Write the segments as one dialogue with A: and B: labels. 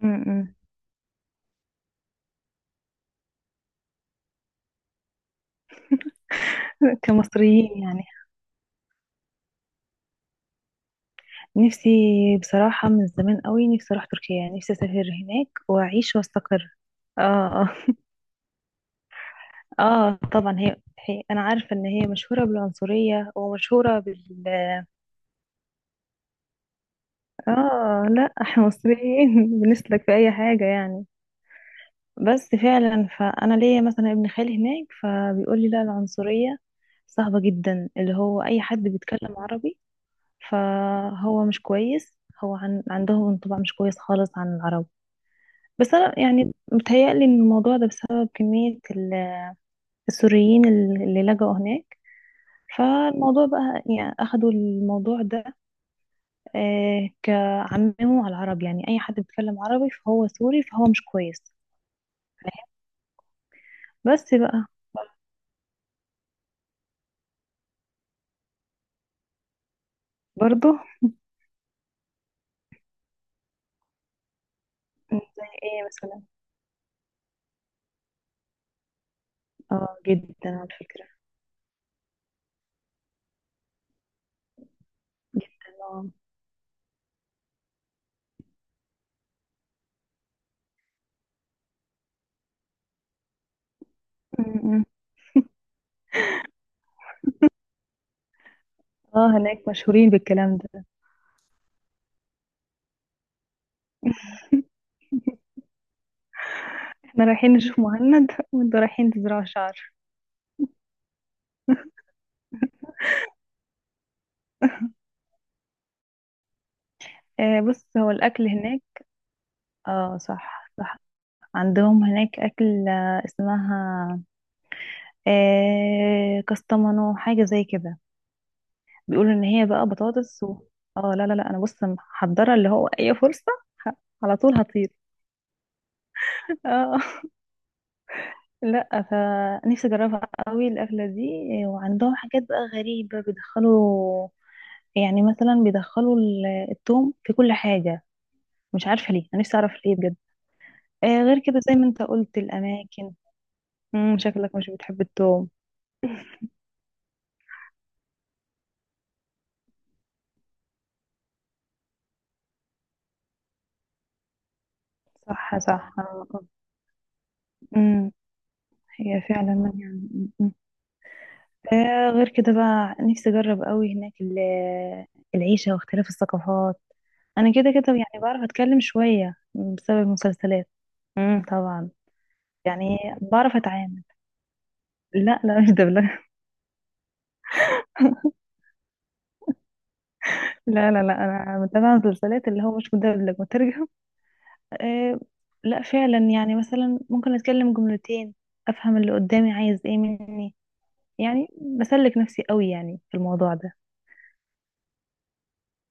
A: م- م. كمصريين يعني، نفسي. بصراحة من زمان قوي نفسي أروح تركيا، يعني نفسي أسافر هناك وأعيش وأستقر. آه آه. آه طبعا، هي أنا عارفة إن هي مشهورة بالعنصرية ومشهورة بال. آه لا، إحنا مصريين بنسلك في أي حاجة يعني. بس فعلا، فأنا ليا مثلا ابن خالي هناك، فبيقول لي لا، العنصرية صعبة جدا، اللي هو أي حد بيتكلم عربي فهو مش كويس. عندهم انطباع مش كويس خالص عن العرب. بس انا يعني متهيألي ان الموضوع ده بسبب كمية السوريين، اللي لجأوا هناك. فالموضوع بقى يعني اخدوا الموضوع ده، آه كعمموا على العرب، يعني اي حد بيتكلم عربي فهو سوري فهو مش كويس. فاهم. بس بقى. برضو. زي ايه مثلا؟ اه جدا على فكرة، جدا اه. م- م. اه هناك مشهورين بالكلام ده. احنا رايحين نشوف مهند وانتوا رايحين تزرعوا شعر. آه بص، هو الاكل هناك. اه صح صح. عندهم هناك اكل، آه، اسمها آه كستمانو، حاجه زي كده. بيقولوا ان هي بقى بطاطس و... اه لا لا لا، انا بص محضره اللي هو اي فرصه. ه- على طول هطير، اه. لا، فنفسي اجربها قوي الاكله دي. آه، وعندهم حاجات بقى غريبه بيدخلوا، يعني مثلا بيدخلوا التوم في كل حاجه. مش عارفه ليه، انا نفسي اعرف ليه بجد. آه غير كده، زي ما انت قلت الأماكن. مم، شكلك مش بتحب التوم. صح صح، آه، آه. مم. هي فعلا مانعة. مم، مم. آه غير كده بقى، نفسي أجرب قوي هناك العيشة واختلاف الثقافات. أنا كده كده يعني بعرف أتكلم شوية بسبب المسلسلات. مم طبعا. يعني بعرف أتعامل. لا لا، مش دبلجة. لا لا لا، أنا متابعة مسلسلات اللي هو مش مدبلج، مترجم. آه. لا فعلا، يعني مثلا ممكن اتكلم جملتين، افهم اللي قدامي عايز ايه مني. يعني بسلك نفسي قوي يعني في الموضوع ده.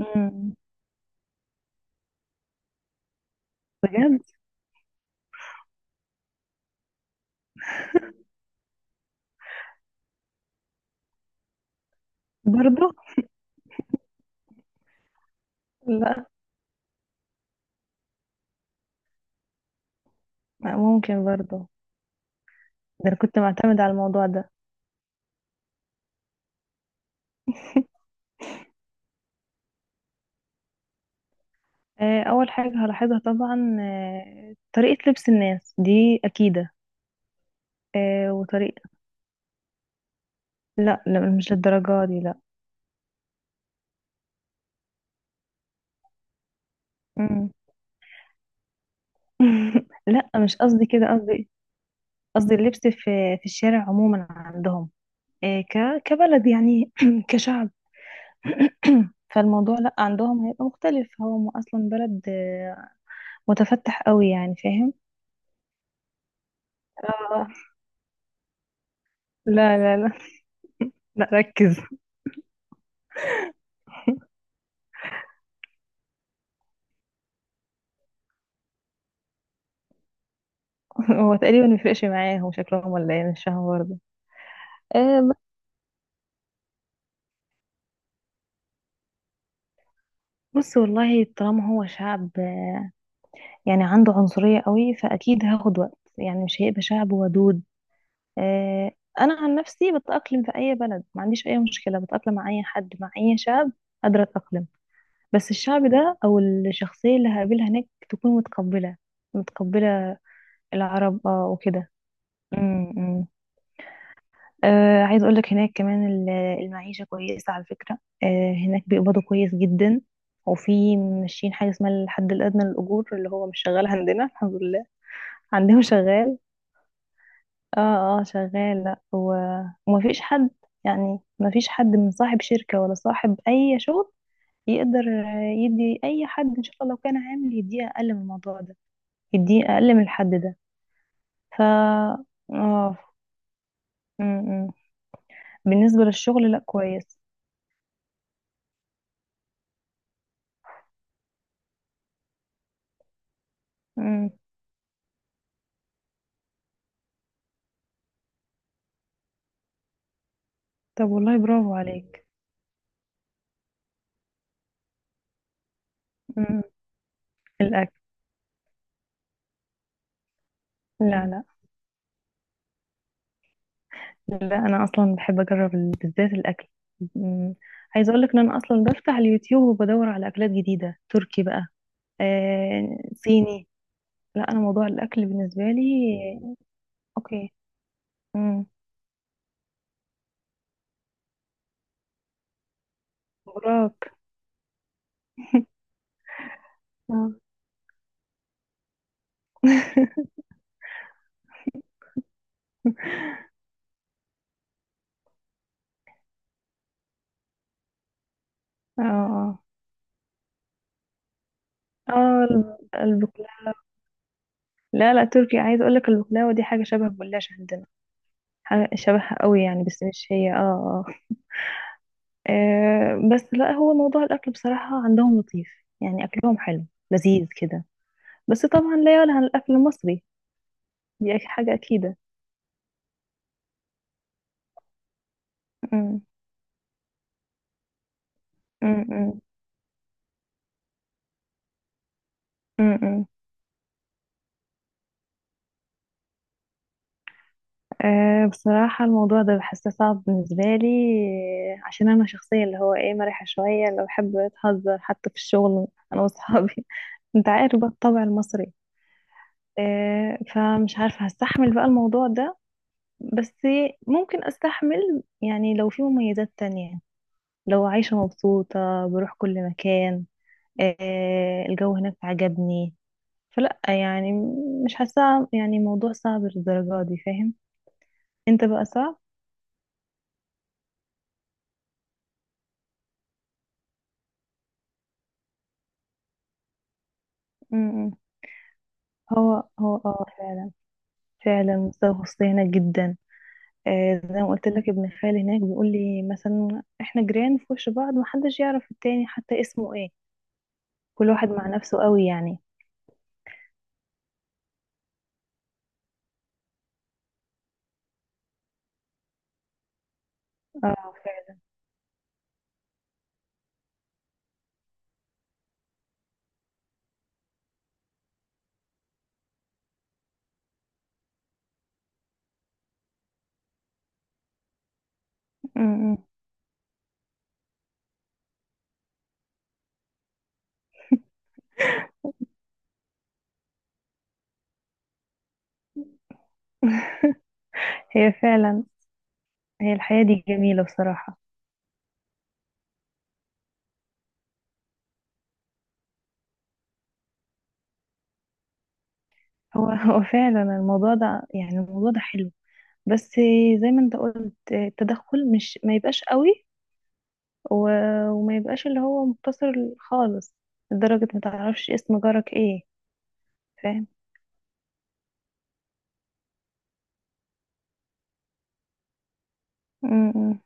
A: امم، بجد. برضه. لا، لا، ممكن برضه. ده انا كنت معتمدة على الموضوع ده. آه، اول حاجة هلاحظها طبعا، آه، طريقة لبس الناس، دي اكيدة. آه، وطريقة. لا لا، مش للدرجة دي، لا. مم. لا، مش قصدي كده. قصدي، قصدي اللبس في الشارع عموما عندهم، آه، كبلد يعني، كشعب. فالموضوع لا، عندهم هيبقى مختلف. هو اصلا بلد، آه، متفتح قوي يعني، فاهم. آه. لا لا لا. لا ركز. هو تقريبا ما يفرقش معاهم شكلهم ولا ايه، مش فاهمه برضه. آه، بص والله، طالما هو شعب، آه، يعني عنده عنصرية قوي، فاكيد هاخد وقت، يعني مش هيبقى شعب ودود. آه، انا عن نفسي بتأقلم في اي بلد، ما عنديش اي مشكلة، بتأقلم مع اي حد، مع اي شعب. قادرة أتأقلم. بس الشعب ده او الشخصيه اللي هقابلها هناك تكون متقبله، متقبله. العرب اه وكده. امم. آه عايز اقول لك هناك كمان المعيشه كويسه على فكره، آه هناك بيقبضوا كويس جدا. وفي ماشيين حاجه اسمها الحد الادنى للاجور، اللي هو مش شغال عندنا الحمد لله. عندهم شغال. اه اه شغال. لا ومفيش حد، يعني مفيش حد من صاحب شركه ولا صاحب اي شغل يقدر، آه، يدي اي حد، ان شاء الله لو كان عامل، يديه اقل من الموضوع ده، يديه اقل من الحد ده. ف اه م- م. بالنسبة للشغل لا كويس. م. طب والله، برافو عليك. م. الاكل. لا لا لا، انا اصلا بحب اجرب بالذات الاكل. م. عايزة اقولك ان انا اصلا بفتح اليوتيوب وبدور على اكلات جديدة، تركي بقى، آه صيني. لا انا موضوع الاكل بالنسبة لي. اوكي. م. براك. آه. اه اه. آه، البقلاوة. لا لا، تركي. عايز اقول لك البقلاوه دي حاجه شبه الجلاش عندنا، حاجه شبهها قوي يعني، بس مش هي، اه. اه آه، بس لا، هو موضوع الاكل بصراحه عندهم لطيف، يعني اكلهم حلو لذيذ كده. بس طبعا لا يعلى عن الاكل المصري، دي حاجه اكيده. أمم، أمم، أمم، أمم. أه بصراحة الموضوع ده بحسه صعب بالنسبة لي. آه، عشان أنا شخصية اللي هو إيه، مرحة شوية، اللي بحب أتهزر حتى في الشغل، أنا وأصحابي. أنت عارف بقى الطبع المصري. آه، فمش عارفة هستحمل بقى الموضوع ده. بس ممكن استحمل، يعني لو في مميزات تانية، لو عايشة مبسوطة، بروح كل مكان. آه، الجو هناك عجبني. فلا يعني، مش حاسة يعني موضوع صعب للدرجة دي، فاهم. انت بقى صعب. م- م. هو هو اه فعلا. فعلا مستوى الخصوصية هناك جدا. آه، زي ما قلت لك ابن خالي هناك بيقول لي مثلا احنا جيران في وش بعض، محدش يعرف التاني حتى اسمه ايه. كل واحد مع نفسه قوي يعني. اه فعلا. م- م. هي فعلا. هي الحياة دي جميلة بصراحة. هو هو فعلا الموضوع ده، يعني الموضوع ده حلو. بس زي ما انت قلت، التدخل مش ما يبقاش قوي، وما يبقاش اللي هو مقتصر خالص لدرجة ما تعرفش اسم جارك ايه. فاهم. م- م.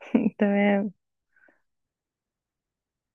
A: تمام.